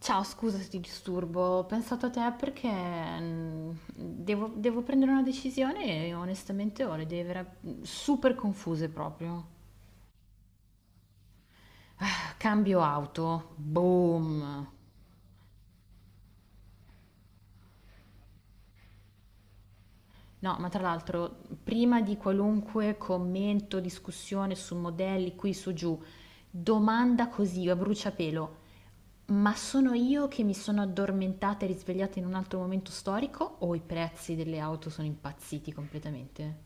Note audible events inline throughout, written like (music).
Ciao, scusa se ti disturbo, ho pensato a te perché devo prendere una decisione e onestamente ho le idee super confuse proprio. Cambio auto, boom. No, ma tra l'altro, prima di qualunque commento, discussione su modelli qui su giù, domanda così a bruciapelo, ma sono io che mi sono addormentata e risvegliata in un altro momento storico o i prezzi delle auto sono impazziti completamente?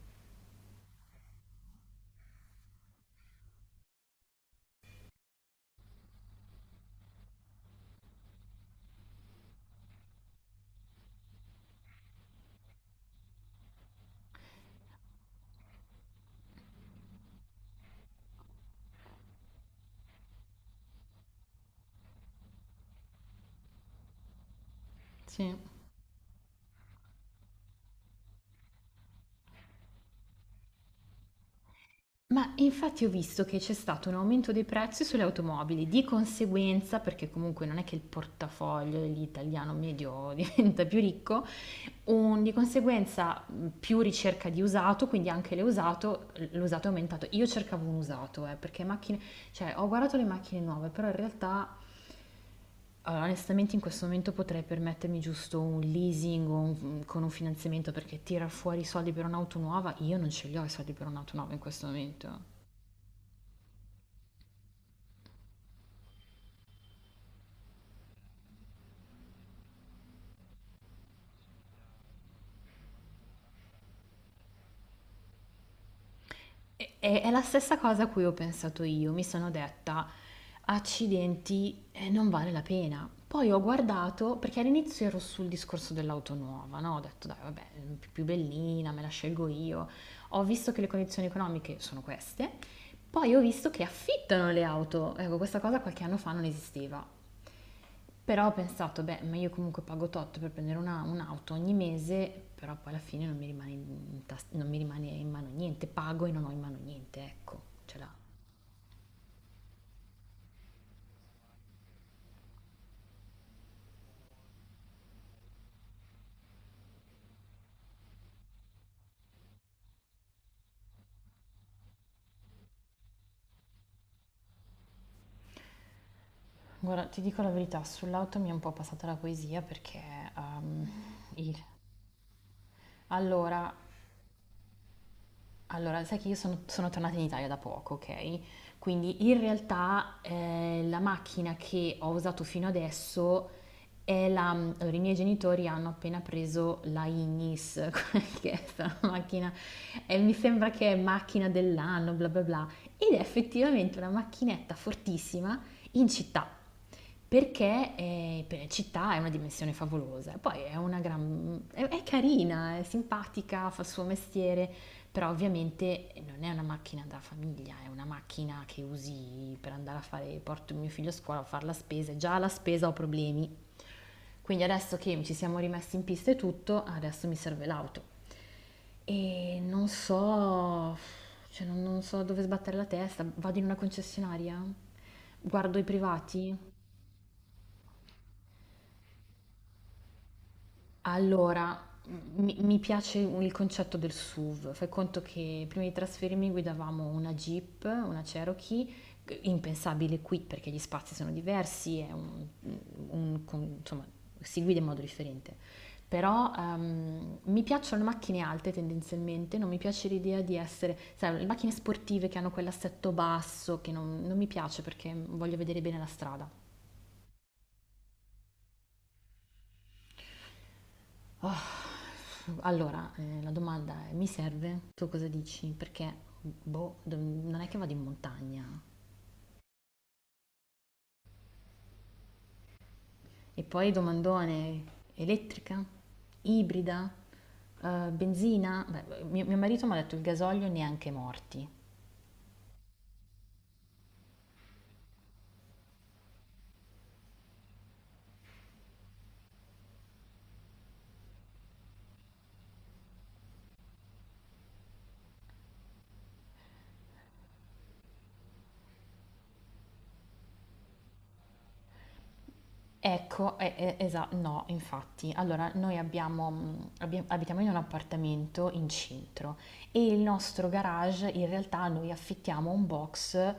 Sì. Ma infatti ho visto che c'è stato un aumento dei prezzi sulle automobili, di conseguenza, perché comunque non è che il portafoglio dell'italiano medio (laughs) diventa più ricco, di conseguenza più ricerca di usato, quindi anche l'usato è aumentato. Io cercavo un usato, perché macchine, cioè ho guardato le macchine nuove, però in realtà allora, onestamente in questo momento potrei permettermi giusto un leasing o con un finanziamento, perché tirar fuori i soldi per un'auto nuova, io non ce li ho i soldi per un'auto nuova in questo momento. È la stessa cosa a cui ho pensato io, mi sono detta, accidenti, non vale la pena. Poi ho guardato, perché all'inizio ero sul discorso dell'auto nuova, no? Ho detto, dai, vabbè, più bellina, me la scelgo io. Ho visto che le condizioni economiche sono queste, poi ho visto che affittano le auto. Ecco, questa cosa qualche anno fa non esisteva. Però ho pensato, beh, ma io comunque pago tot per prendere un'auto ogni mese, però poi alla fine non mi rimane non mi rimane in mano niente, pago e non ho in mano niente, ecco, ce l'ha. Guarda, ti dico la verità, sull'auto mi è un po' passata la poesia perché. ehm, il- Allora, sai che io sono tornata in Italia da poco, ok? Quindi in realtà la macchina che ho usato fino adesso è la. Allora, i miei genitori hanno appena preso la Ignis, (laughs) quella che è questa macchina, e mi sembra che è macchina dell'anno, bla bla bla, ed è effettivamente una macchinetta fortissima in città, perché città è una dimensione favolosa, poi è carina, è simpatica, fa il suo mestiere, però ovviamente non è una macchina da famiglia, è una macchina che usi per andare a fare, porto mio figlio a scuola, a fare la spesa, e già alla spesa ho problemi, quindi adesso che ci siamo rimessi in pista e tutto, adesso mi serve l'auto. E non so, cioè non so dove sbattere la testa, vado in una concessionaria, guardo i privati. Allora, mi piace il concetto del SUV. Fai conto che prima di trasferirmi guidavamo una Jeep, una Cherokee, impensabile qui perché gli spazi sono diversi, è insomma, si guida in modo differente. Però mi piacciono le macchine alte tendenzialmente, non mi piace l'idea di essere, sai, le macchine sportive che hanno quell'assetto basso, che non mi piace perché voglio vedere bene la strada. Allora, la domanda è, mi serve? Tu cosa dici? Perché, boh, non è che vado in montagna. E poi domandone, elettrica? Ibrida? Benzina? Beh, mio marito mi ha detto il gasolio neanche morti. Ecco, e- esa no, infatti. Allora, noi abbiamo, abbiam abitiamo in un appartamento in centro e il nostro garage, in realtà, noi affittiamo un box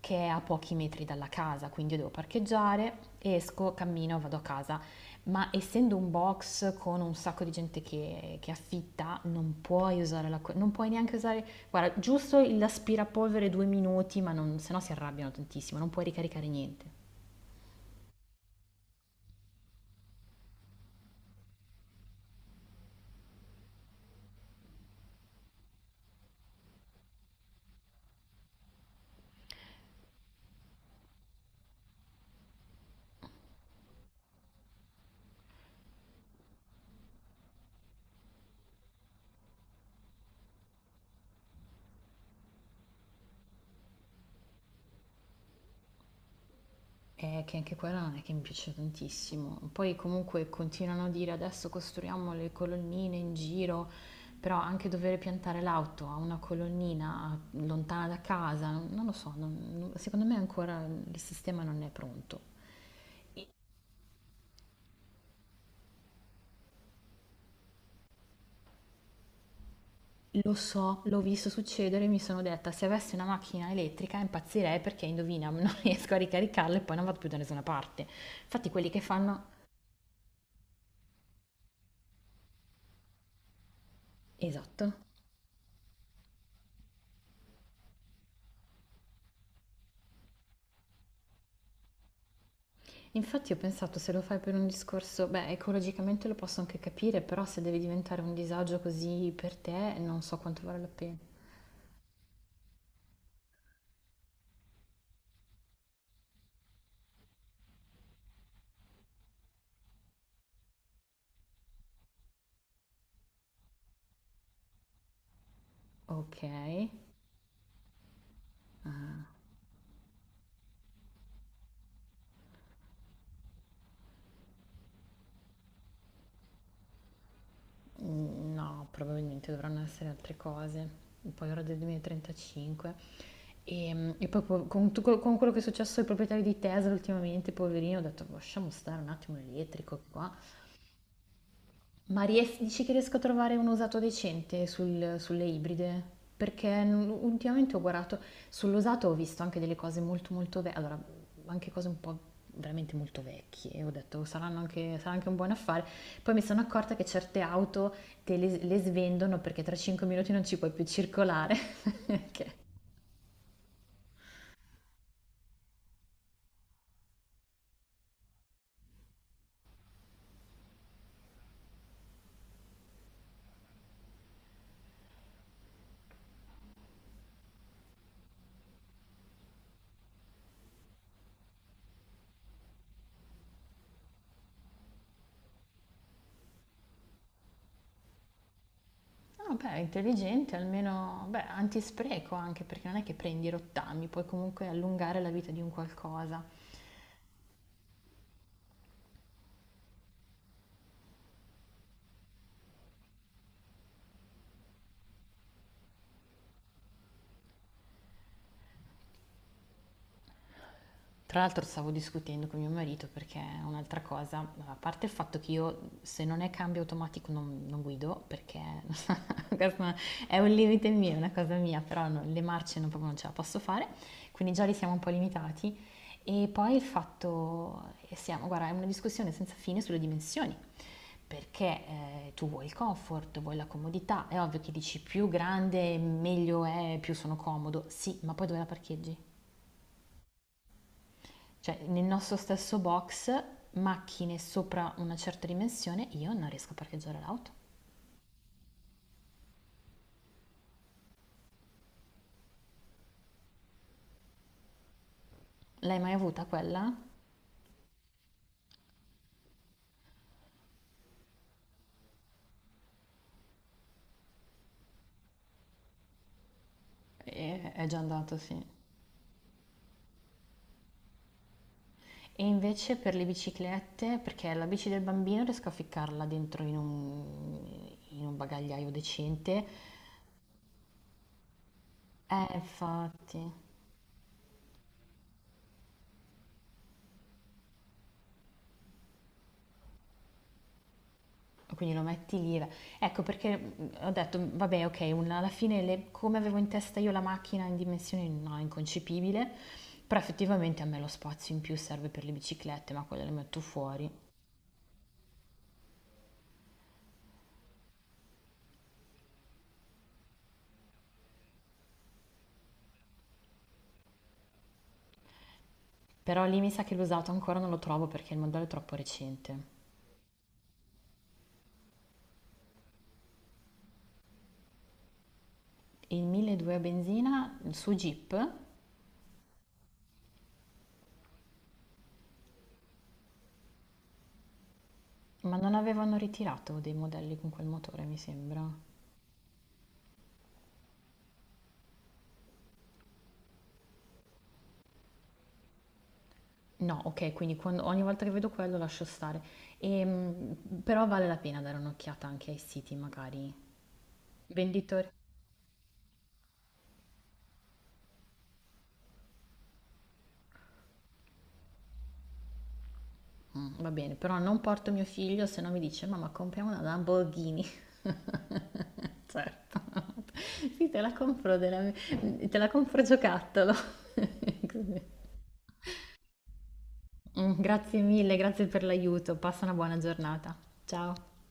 che è a pochi metri dalla casa, quindi io devo parcheggiare, esco, cammino, vado a casa. Ma essendo un box con un sacco di gente che affitta, non puoi usare l'acqua, non puoi neanche usare, guarda, giusto l'aspirapolvere 2 minuti, ma non, se no si arrabbiano tantissimo, non puoi ricaricare niente. Che anche quella non è che mi piace tantissimo. Poi comunque continuano a dire adesso costruiamo le colonnine in giro, però anche dover piantare l'auto a una colonnina lontana da casa, non lo so, secondo me ancora il sistema non è pronto. Lo so, l'ho visto succedere e mi sono detta, se avessi una macchina elettrica impazzirei perché indovina, (laughs) non riesco a ricaricarla e poi non vado più da nessuna parte. Infatti quelli che fanno. Esatto. Infatti ho pensato, se lo fai per un discorso, beh, ecologicamente lo posso anche capire, però se deve diventare un disagio così per te, non so quanto vale la pena. Ok, no, probabilmente dovranno essere altre cose. Poi ora del 2035. E poi con quello che è successo ai proprietari di Tesla ultimamente, poverino, ho detto, "Boh, lasciamo stare un attimo l'elettrico, che qua." Dici che riesco a trovare un usato decente sulle ibride? Perché ultimamente ho guardato sull'usato, ho visto anche delle cose molto molto vecchie, allora anche cose un po' veramente molto vecchie, ho detto saranno anche, sarà anche un buon affare. Poi mi sono accorta che certe auto te le svendono perché tra 5 minuti non ci puoi più circolare. (laughs) Che- No, beh, intelligente, almeno, beh, antispreco, anche perché non è che prendi i rottami, puoi comunque allungare la vita di un qualcosa. Tra l'altro stavo discutendo con mio marito, perché è un'altra cosa, a parte il fatto che io, se non è cambio automatico, non guido, perché (laughs) questo è un limite mio, è una cosa mia, però no, le marce non, proprio non ce la posso fare, quindi già li siamo un po' limitati, e poi il fatto, e siamo, guarda, è una discussione senza fine sulle dimensioni, perché tu vuoi il comfort, vuoi la comodità, è ovvio che dici più grande meglio è, più sono comodo, sì, ma poi dove la parcheggi? Cioè, nel nostro stesso box, macchine sopra una certa dimensione, io non riesco a parcheggiare l'auto. L'hai mai avuta quella? È già andato, sì. E invece per le biciclette, perché la bici del bambino riesco a ficcarla dentro in un bagagliaio decente. Infatti. Quindi lo metti lì. Ecco perché ho detto, vabbè, ok, alla fine come avevo in testa io la macchina in dimensioni, no, inconcepibile, però effettivamente a me lo spazio in più serve per le biciclette, ma quelle le metto fuori. Però lì mi sa che l'usato ancora non lo trovo perché il modello è troppo recente. Il 1200 a benzina su Jeep, ma non avevano ritirato dei modelli con quel motore, mi sembra. No, ok, quindi ogni volta che vedo quello lascio stare. Ehm, però vale la pena dare un'occhiata anche ai siti magari. Venditori? Mm, va bene, però non porto mio figlio, se no mi dice mamma compriamo una Lamborghini. (laughs) Certo, (laughs) sì, te la compro, te la compro giocattolo. (laughs) Così. Mm, grazie mille, grazie per l'aiuto, passa una buona giornata. Ciao.